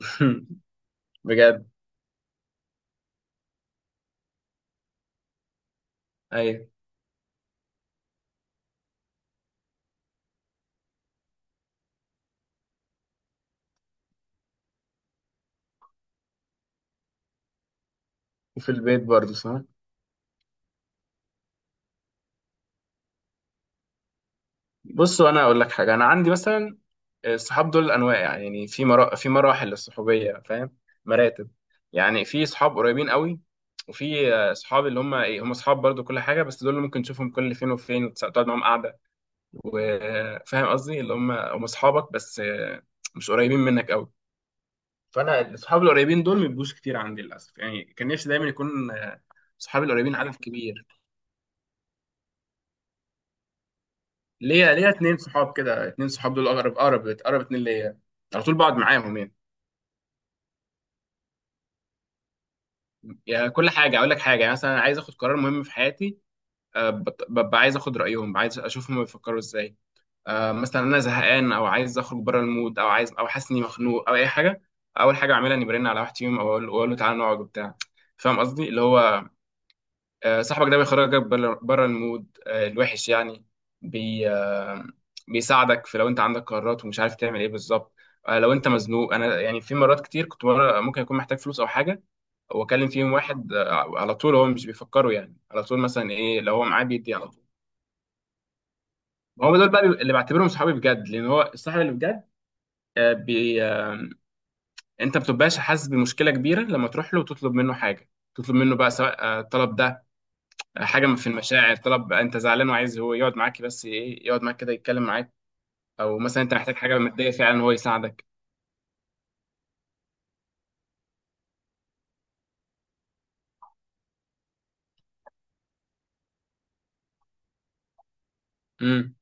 بجد. ايوه. وفي البيت برضه صح. بص وانا اقول لك حاجه، انا عندي مثلا الصحاب دول انواع، يعني في مراحل للصحوبيه، فاهم؟ مراتب. يعني في صحاب قريبين قوي، وفي صحاب اللي هم ايه، هم صحاب برضه كل حاجه، بس دول اللي ممكن تشوفهم كل فين وفين وتقعد معاهم قاعده. وفاهم قصدي اللي هم اصحابك بس، مش قريبين منك قوي. فانا الصحاب القريبين دول ما بيبقوش كتير عندي للاسف، يعني كان نفسي دايما يكون صحابي القريبين عدد كبير. ليا اتنين صحاب كده، اتنين صحاب دول اقرب اقرب اقرب اتنين ليا، على طول بقعد معاهم يعني. يعني كل حاجه، اقول لك حاجه، يعني مثلا عايز اخد قرار مهم في حياتي، ببقى عايز اخد رايهم، عايز اشوفهم بيفكروا ازاي. مثلا انا زهقان او عايز اخرج بره المود او عايز او حاسس اني مخنوق او اي حاجه، اول حاجه اعملها اني برن على واحد فيهم، او اقول أو أقول له تعالى نقعد وبتاع. فاهم قصدي، اللي هو صاحبك ده بيخرجك بره المود، الوحش يعني. بي آه، بيساعدك في لو انت عندك قرارات ومش عارف تعمل ايه بالظبط. لو انت مزنوق، انا يعني في مرات كتير كنت، مرة ممكن اكون محتاج فلوس او حاجه، واكلم فيهم واحد على طول هو مش بيفكروا يعني، على طول مثلا ايه، لو هو معاه بيدي على طول. هم دول بقى اللي بعتبرهم صحابي بجد، لان هو الصاحب اللي بجد. بي آه، انت ما بتبقاش حاسس بمشكله كبيره لما تروح له وتطلب منه حاجه. تطلب منه بقى، سواء الطلب ده حاجه في المشاعر، طلب انت زعلان وعايز هو يقعد معاك، بس ايه، يقعد معاك كده يتكلم معاك، او مثلا انت محتاج حاجه ماديه فعلا هو يساعدك. امم.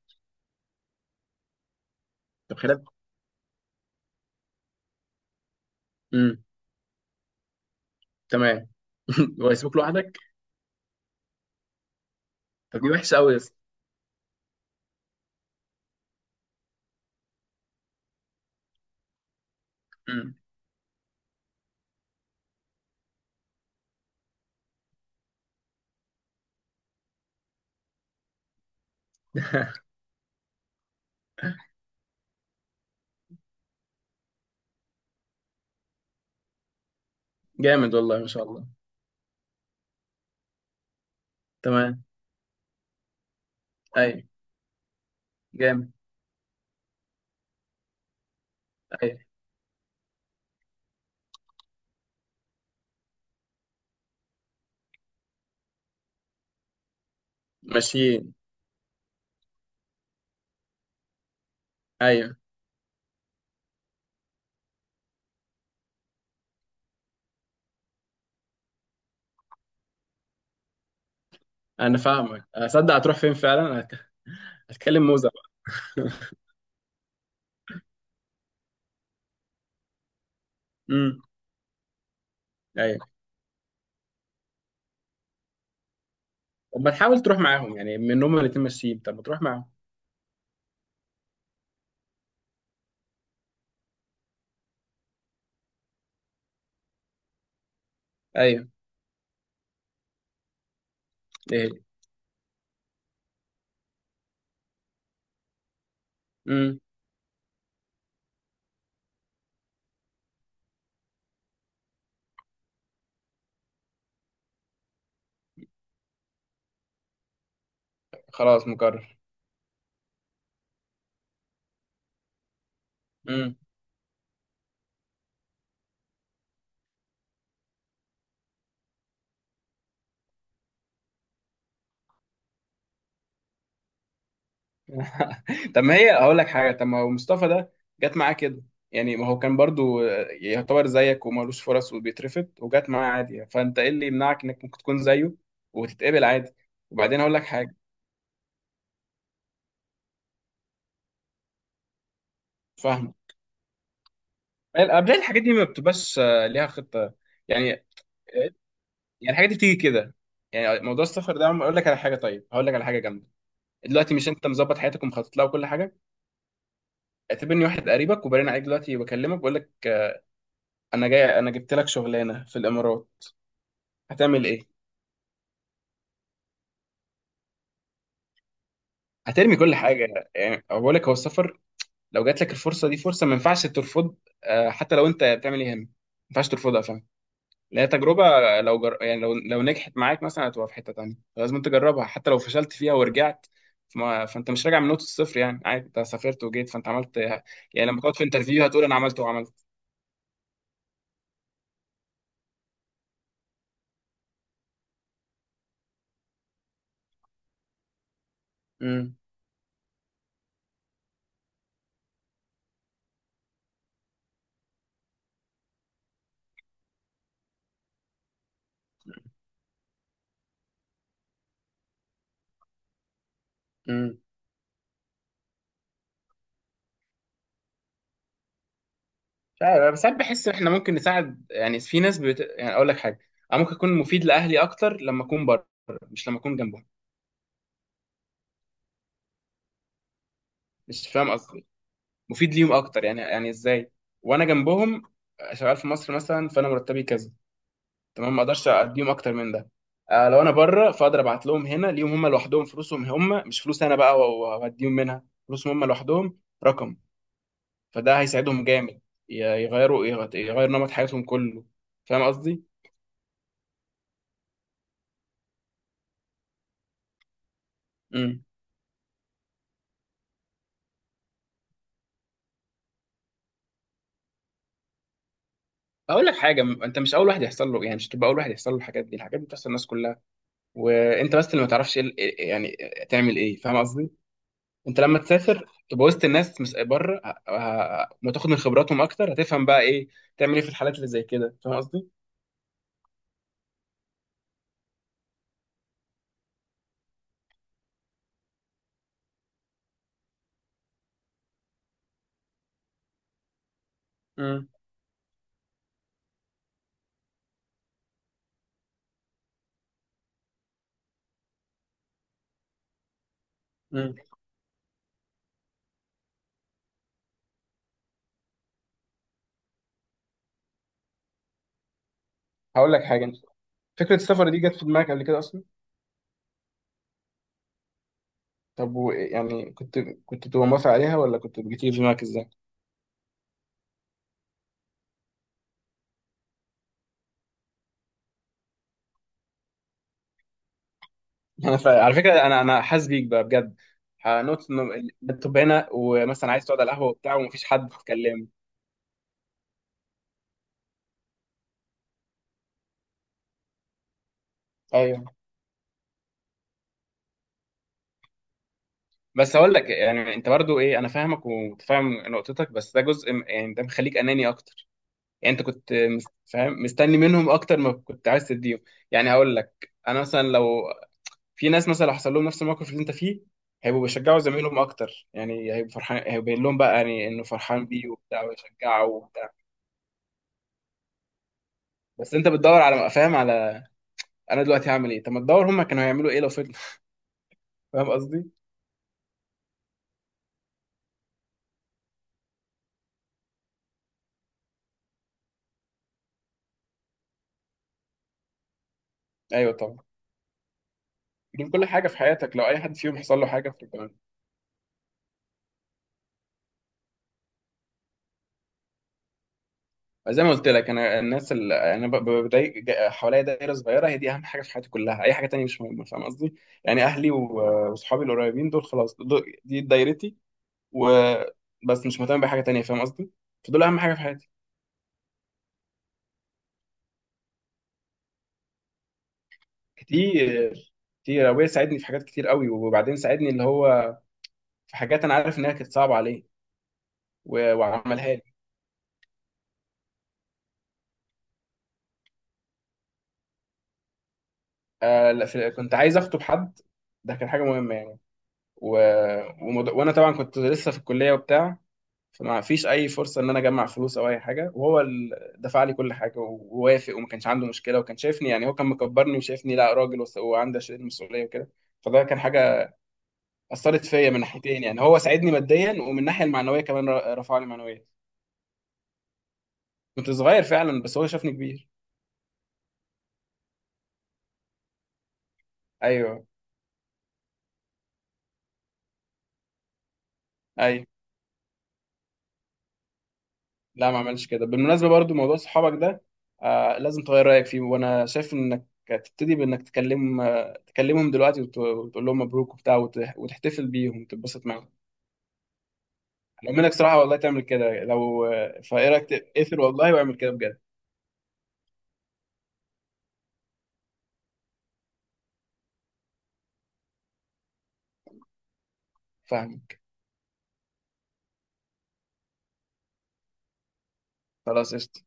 طب خلال. امم. تمام. ويسيبك لوحدك. طب دي وحشه قوي يا اسطى. امم. جامد والله ما شاء الله. تمام. ايوه. جامد. ايوه. ماشيين. ايوه. انا فاهمك، اصدق هتروح فين فعلا؟ هتكلم موزه بقى. امم. ايوه. طب ما تحاول تروح معاهم يعني، من هم الاتنين ماشيين، طب ما تروح معاهم. ايوه. ايه. امم. خلاص مكرر. طب ما هي هقول لك حاجه، طب ما هو مصطفى ده جت معاه كده، يعني ما هو كان برضو يعتبر زيك ومالوش فرص وبيترفض وجت معاه عادي يعني. فانت ايه اللي يمنعك انك ممكن تكون زيه وتتقبل عادي؟ وبعدين هقول لك حاجه، فاهم، قبل الحاجات دي ما بتبقاش ليها خطه يعني. يعني الحاجات دي بتيجي كده. يعني موضوع السفر ده اقول لك على حاجه، طيب هقول لك على حاجه جامده. دلوقتي مش انت مظبط حياتك ومخطط لها وكل حاجه. اعتبرني واحد قريبك وبرن عليك دلوقتي، بكلمك، بقول لك انا جاي انا جبت لك شغلانه في الامارات. هتعمل ايه؟ هترمي كل حاجه يعني؟ أو بقول لك هو السفر، لو جات لك الفرصه دي، فرصه ما ينفعش ترفض. حتى لو انت بتعمل ايه، هم ما ينفعش ترفضها، فاهم. لان هي تجربه، يعني لو نجحت معاك مثلا، هتبقى في حته تانيه، فلازم تجربها. حتى لو فشلت فيها ورجعت، فانت مش راجع من نقطه الصفر يعني. عادي، انت سافرت وجيت فانت عملت يعني. لما تقعد في انترفيو هتقول انا عملت وعملت. امم. امم. مش عارف، بس ساعات بحس احنا ممكن نساعد، يعني يعني اقول لك حاجه، انا ممكن اكون مفيد لاهلي اكتر لما اكون بره، مش لما اكون جنبهم. مش فاهم قصدي؟ مفيد ليهم اكتر يعني، يعني ازاي وانا جنبهم؟ شغال في مصر مثلا، فانا مرتبي كذا. تمام، ما اقدرش اديهم اكتر من ده. آه، لو انا بره فاقدر ابعت لهم. هنا ليهم هم لوحدهم فلوسهم، هم مش فلوس انا بقى واديهم منها، فلوسهم هم لوحدهم رقم. فده هيساعدهم جامد. يغير نمط حياتهم كله. فاهم قصدي؟ امم. اقول لك حاجه، انت مش اول واحد يحصل له، يعني مش تبقى اول واحد يحصل له الحاجات دي. الحاجات دي بتحصل للناس كلها، وانت بس اللي ما تعرفش يعني تعمل ايه، فاهم قصدي؟ انت لما تسافر تبقى وسط الناس مش بره، ما تاخد من خبراتهم اكتر، هتفهم بقى ايه تعمل ايه في الحالات اللي زي كده، فاهم قصدي؟ امم. امم. هقول لك حاجه، انت فكره السفر دي جت في دماغك قبل كده اصلا؟ طب و يعني كنت، كنت تبقى موافق عليها ولا كنت بتيجي في دماغك ازاي؟ انا على فكره، انا حاسس بيك بقى بجد. هنوت انه بتبقى هنا ومثلا عايز تقعد على القهوه وبتاع ومفيش حد تتكلم. ايوه. بس هقول لك، يعني انت برضو ايه، انا فاهمك ومتفاهم نقطتك، بس ده جزء يعني ده مخليك اناني اكتر. يعني انت كنت فاهم، مستني منهم اكتر ما كنت عايز تديهم. يعني هقول لك، انا مثلا لو، في ناس مثلا لو حصل لهم نفس الموقف اللي انت فيه، هيبقوا بيشجعوا زمايلهم اكتر. يعني هيبقوا فرحان، هيبقوا باين لهم بقى يعني انه فرحان بيه وبتاع ويشجعه وبتاع. بس انت بتدور على، فاهم، على انا دلوقتي هعمل ايه. طب ما تدور هم كانوا هيعملوا ايه لو فضلوا. فاهم قصدي؟ ايوه طبعا. دي كل حاجه في حياتك، لو اي حد فيهم حصل له حاجه في. زي ما قلت لك، انا الناس اللي انا بضايق حواليا دايره صغيره، هي دي اهم حاجه في حياتي كلها، اي حاجه تانية مش مهمه، فاهم قصدي. يعني اهلي وصحابي القريبين دول، خلاص دول دي دايرتي وبس، مش مهتم بحاجه تانية، فاهم قصدي. فدول اهم حاجه في حياتي. كتير، كتير ابويا ساعدني في حاجات كتير قوي. وبعدين ساعدني اللي هو في حاجات انا عارف انها كانت صعبه عليه وعملها لي. لا، كنت عايز اخطب حد. ده كان حاجه مهمه يعني. و... وانا طبعا كنت لسه في الكليه وبتاع، فما فيش اي فرصه ان انا اجمع فلوس او اي حاجه، وهو اللي دفع لي كل حاجه ووافق وما كانش عنده مشكله، وكان شايفني يعني، هو كان مكبرني وشايفني لا راجل، وعندي اشيل المسؤوليه وكده. فده كان حاجه اثرت فيا من ناحيتين، يعني هو ساعدني ماديا ومن الناحيه المعنويه كمان، رفع لي معنويا. كنت صغير فعلا، بس هو شافني كبير. ايوه. ايوه. لا ما عملش كده بالمناسبه، برضو موضوع صحابك ده آه لازم تغير رايك فيه، وانا شايف انك تبتدي بانك تكلم، تكلمهم دلوقتي وتقول لهم مبروك وبتاع، وتحتفل بيهم، تتبسط معاهم. انا منك صراحه، والله تعمل كده، لو فايه رايك، تقفل والله واعمل كده بجد. فاهمك. خلاص قشطه.